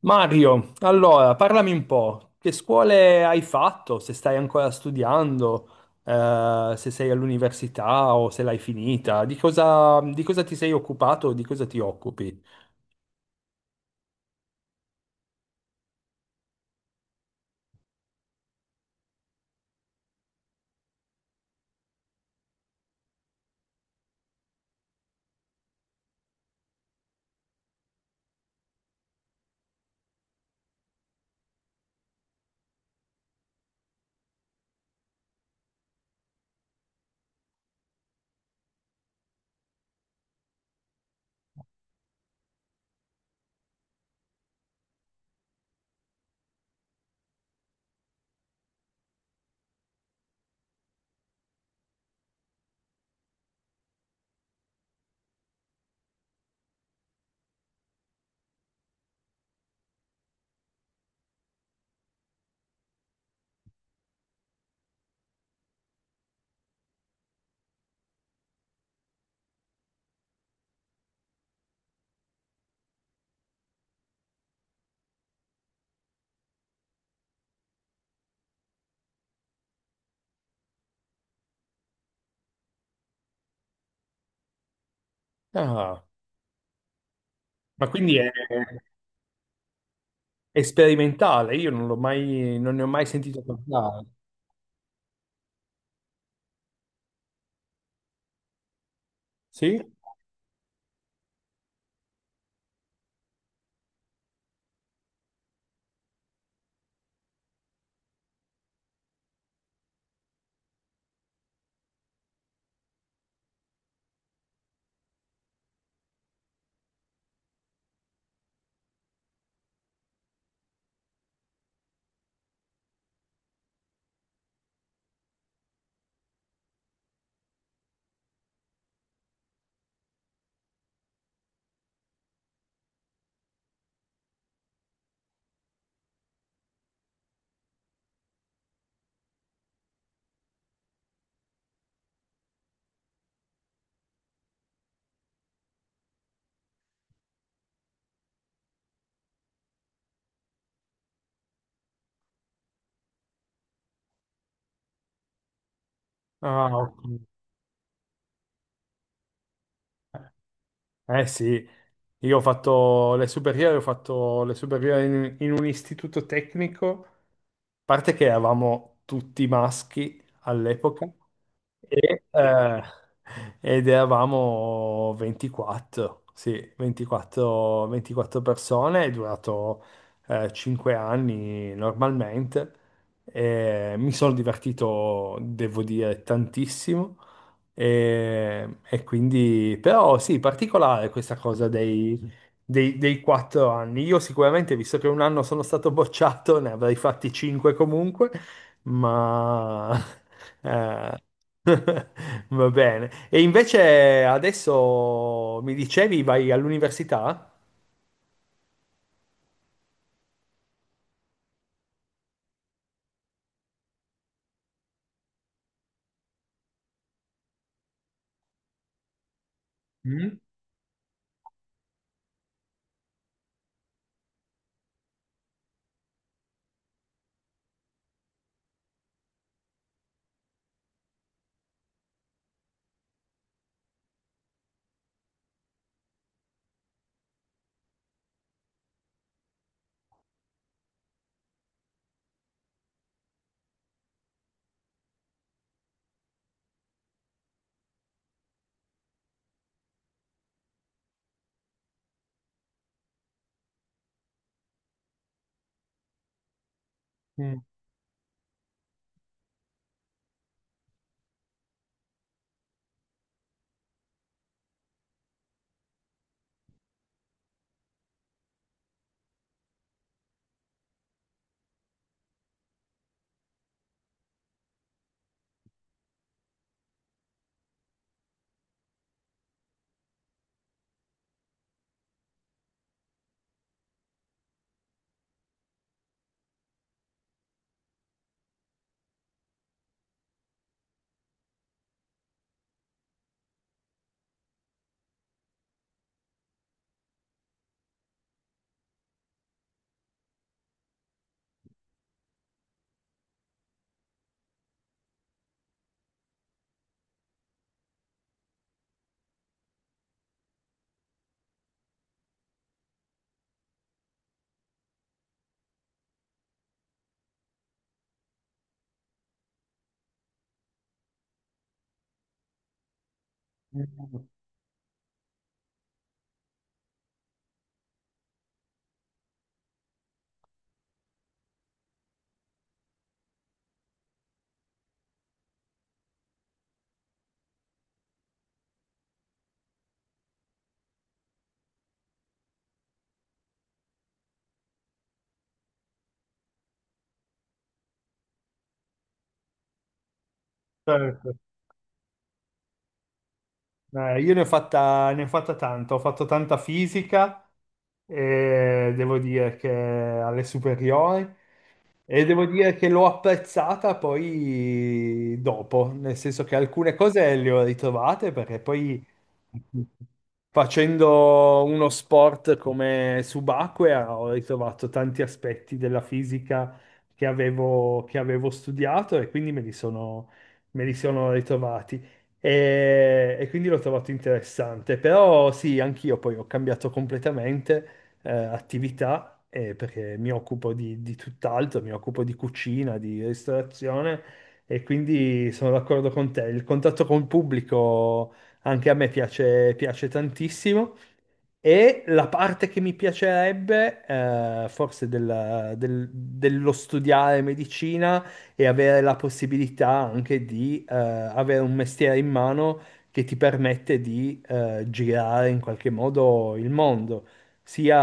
Mario, allora parlami un po', che scuole hai fatto? Se stai ancora studiando, se sei all'università o se l'hai finita, di cosa ti sei occupato, di cosa ti occupi? Ah, ma è sperimentale, io non ne ho mai sentito parlare. Sì? Ah, ok. Eh sì, io ho fatto le superiori, ho fatto le superiori in un istituto tecnico, a parte che eravamo tutti maschi all'epoca, e, eh, ed eravamo 24, sì, 24, 24 persone, è durato 5 anni normalmente, e mi sono divertito, devo dire, tantissimo. E quindi, però sì, particolare questa cosa dei 4 anni. Io sicuramente, visto che un anno sono stato bocciato, ne avrei fatti 5 comunque, ma eh, va bene. E invece adesso mi dicevi, vai all'università? Mm? Mm, mm, certo. Io ne ho fatta tanto, ho fatto tanta fisica e devo dire che alle superiori. E devo dire che l'ho apprezzata poi dopo, nel senso che alcune cose le ho ritrovate perché poi facendo uno sport come subacquea ho ritrovato tanti aspetti della fisica che avevo studiato e quindi me li sono ritrovati. E quindi l'ho trovato interessante, però sì, anch'io poi ho cambiato completamente attività, perché mi occupo di tutt'altro, mi occupo di cucina, di ristorazione e quindi sono d'accordo con te. Il contatto con il pubblico anche a me piace, piace tantissimo e la parte che mi piacerebbe, forse dello studiare medicina e avere la possibilità anche di avere un mestiere in mano che ti permette di girare in qualche modo il mondo, sia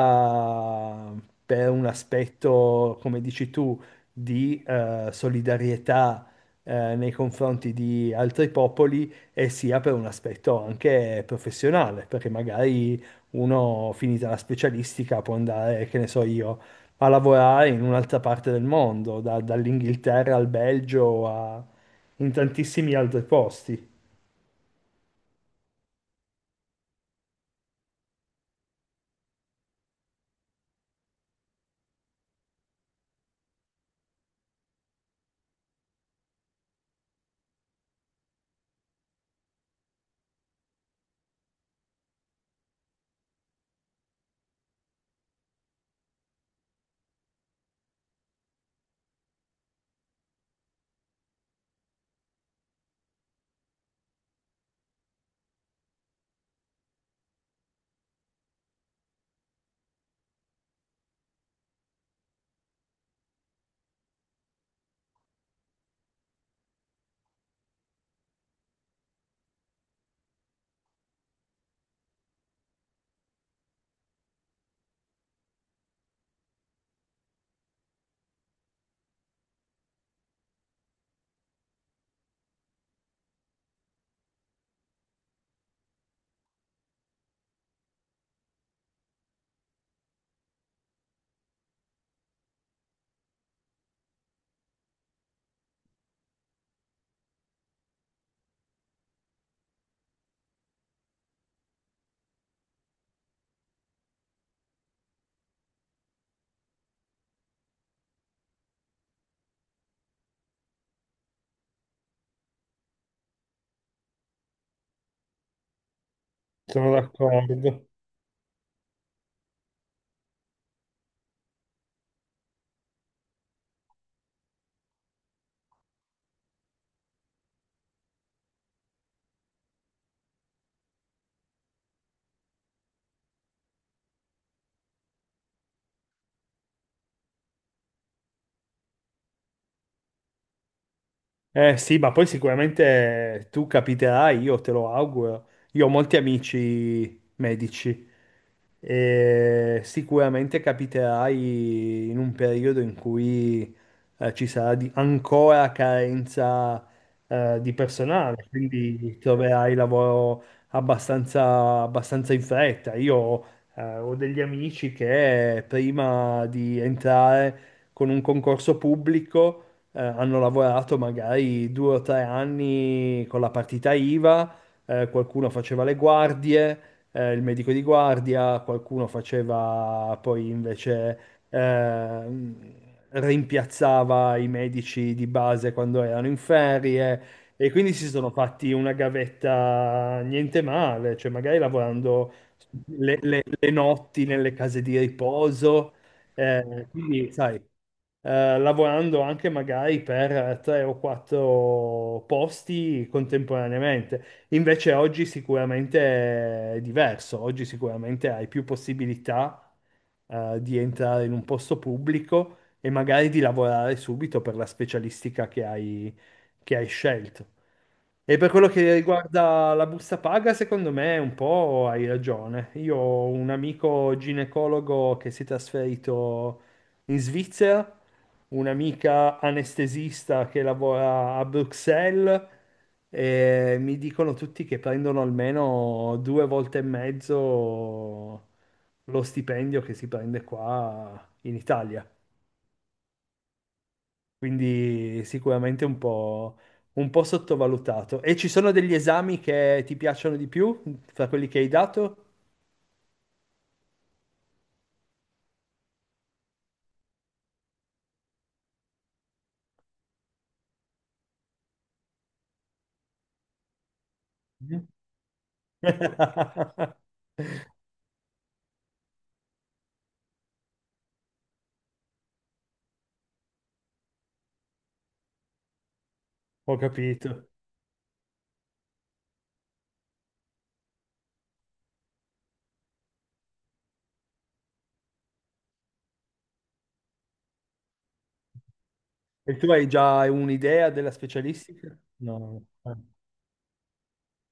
per un aspetto, come dici tu, di solidarietà, nei confronti di altri popoli e sia per un aspetto anche professionale, perché magari uno finita la specialistica può andare, che ne so io, a lavorare in un'altra parte del mondo, dall'Inghilterra al Belgio a in tantissimi altri posti. Sono d'accordo. Eh sì, ma poi sicuramente tu capiterai, io te lo auguro. Io ho molti amici medici e sicuramente capiterai in un periodo in cui ci sarà ancora carenza di personale, quindi troverai lavoro abbastanza, abbastanza in fretta. Io ho degli amici che prima di entrare con un concorso pubblico hanno lavorato magari 2 o 3 anni con la partita IVA, qualcuno faceva le guardie, il medico di guardia, qualcuno faceva poi invece ehm, rimpiazzava i medici di base quando erano in ferie e quindi si sono fatti una gavetta niente male, cioè magari lavorando le notti nelle case di riposo. Eh, quindi, sai, lavorando anche magari per 3 o 4 posti contemporaneamente. Invece oggi sicuramente è diverso, oggi sicuramente hai più possibilità, di entrare in un posto pubblico e magari di lavorare subito per la specialistica che hai scelto. E per quello che riguarda la busta paga, secondo me un po' hai ragione. Io ho un amico ginecologo che si è trasferito in Svizzera, un'amica anestesista che lavora a Bruxelles e mi dicono tutti che prendono almeno due volte e mezzo lo stipendio che si prende qua in Italia. Quindi sicuramente un po' sottovalutato. E ci sono degli esami che ti piacciono di più fra quelli che hai dato? Mhm. Ho capito. E tu hai già un'idea della specialistica? No. Ah,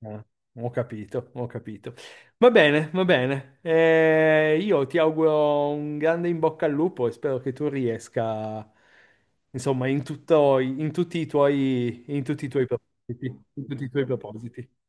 ah, ho capito, ho capito. Va bene, va bene. Io ti auguro un grande in bocca al lupo e spero che tu riesca, insomma, in tutto, in tutti i tuoi propositi, in tutti i tuoi propositi.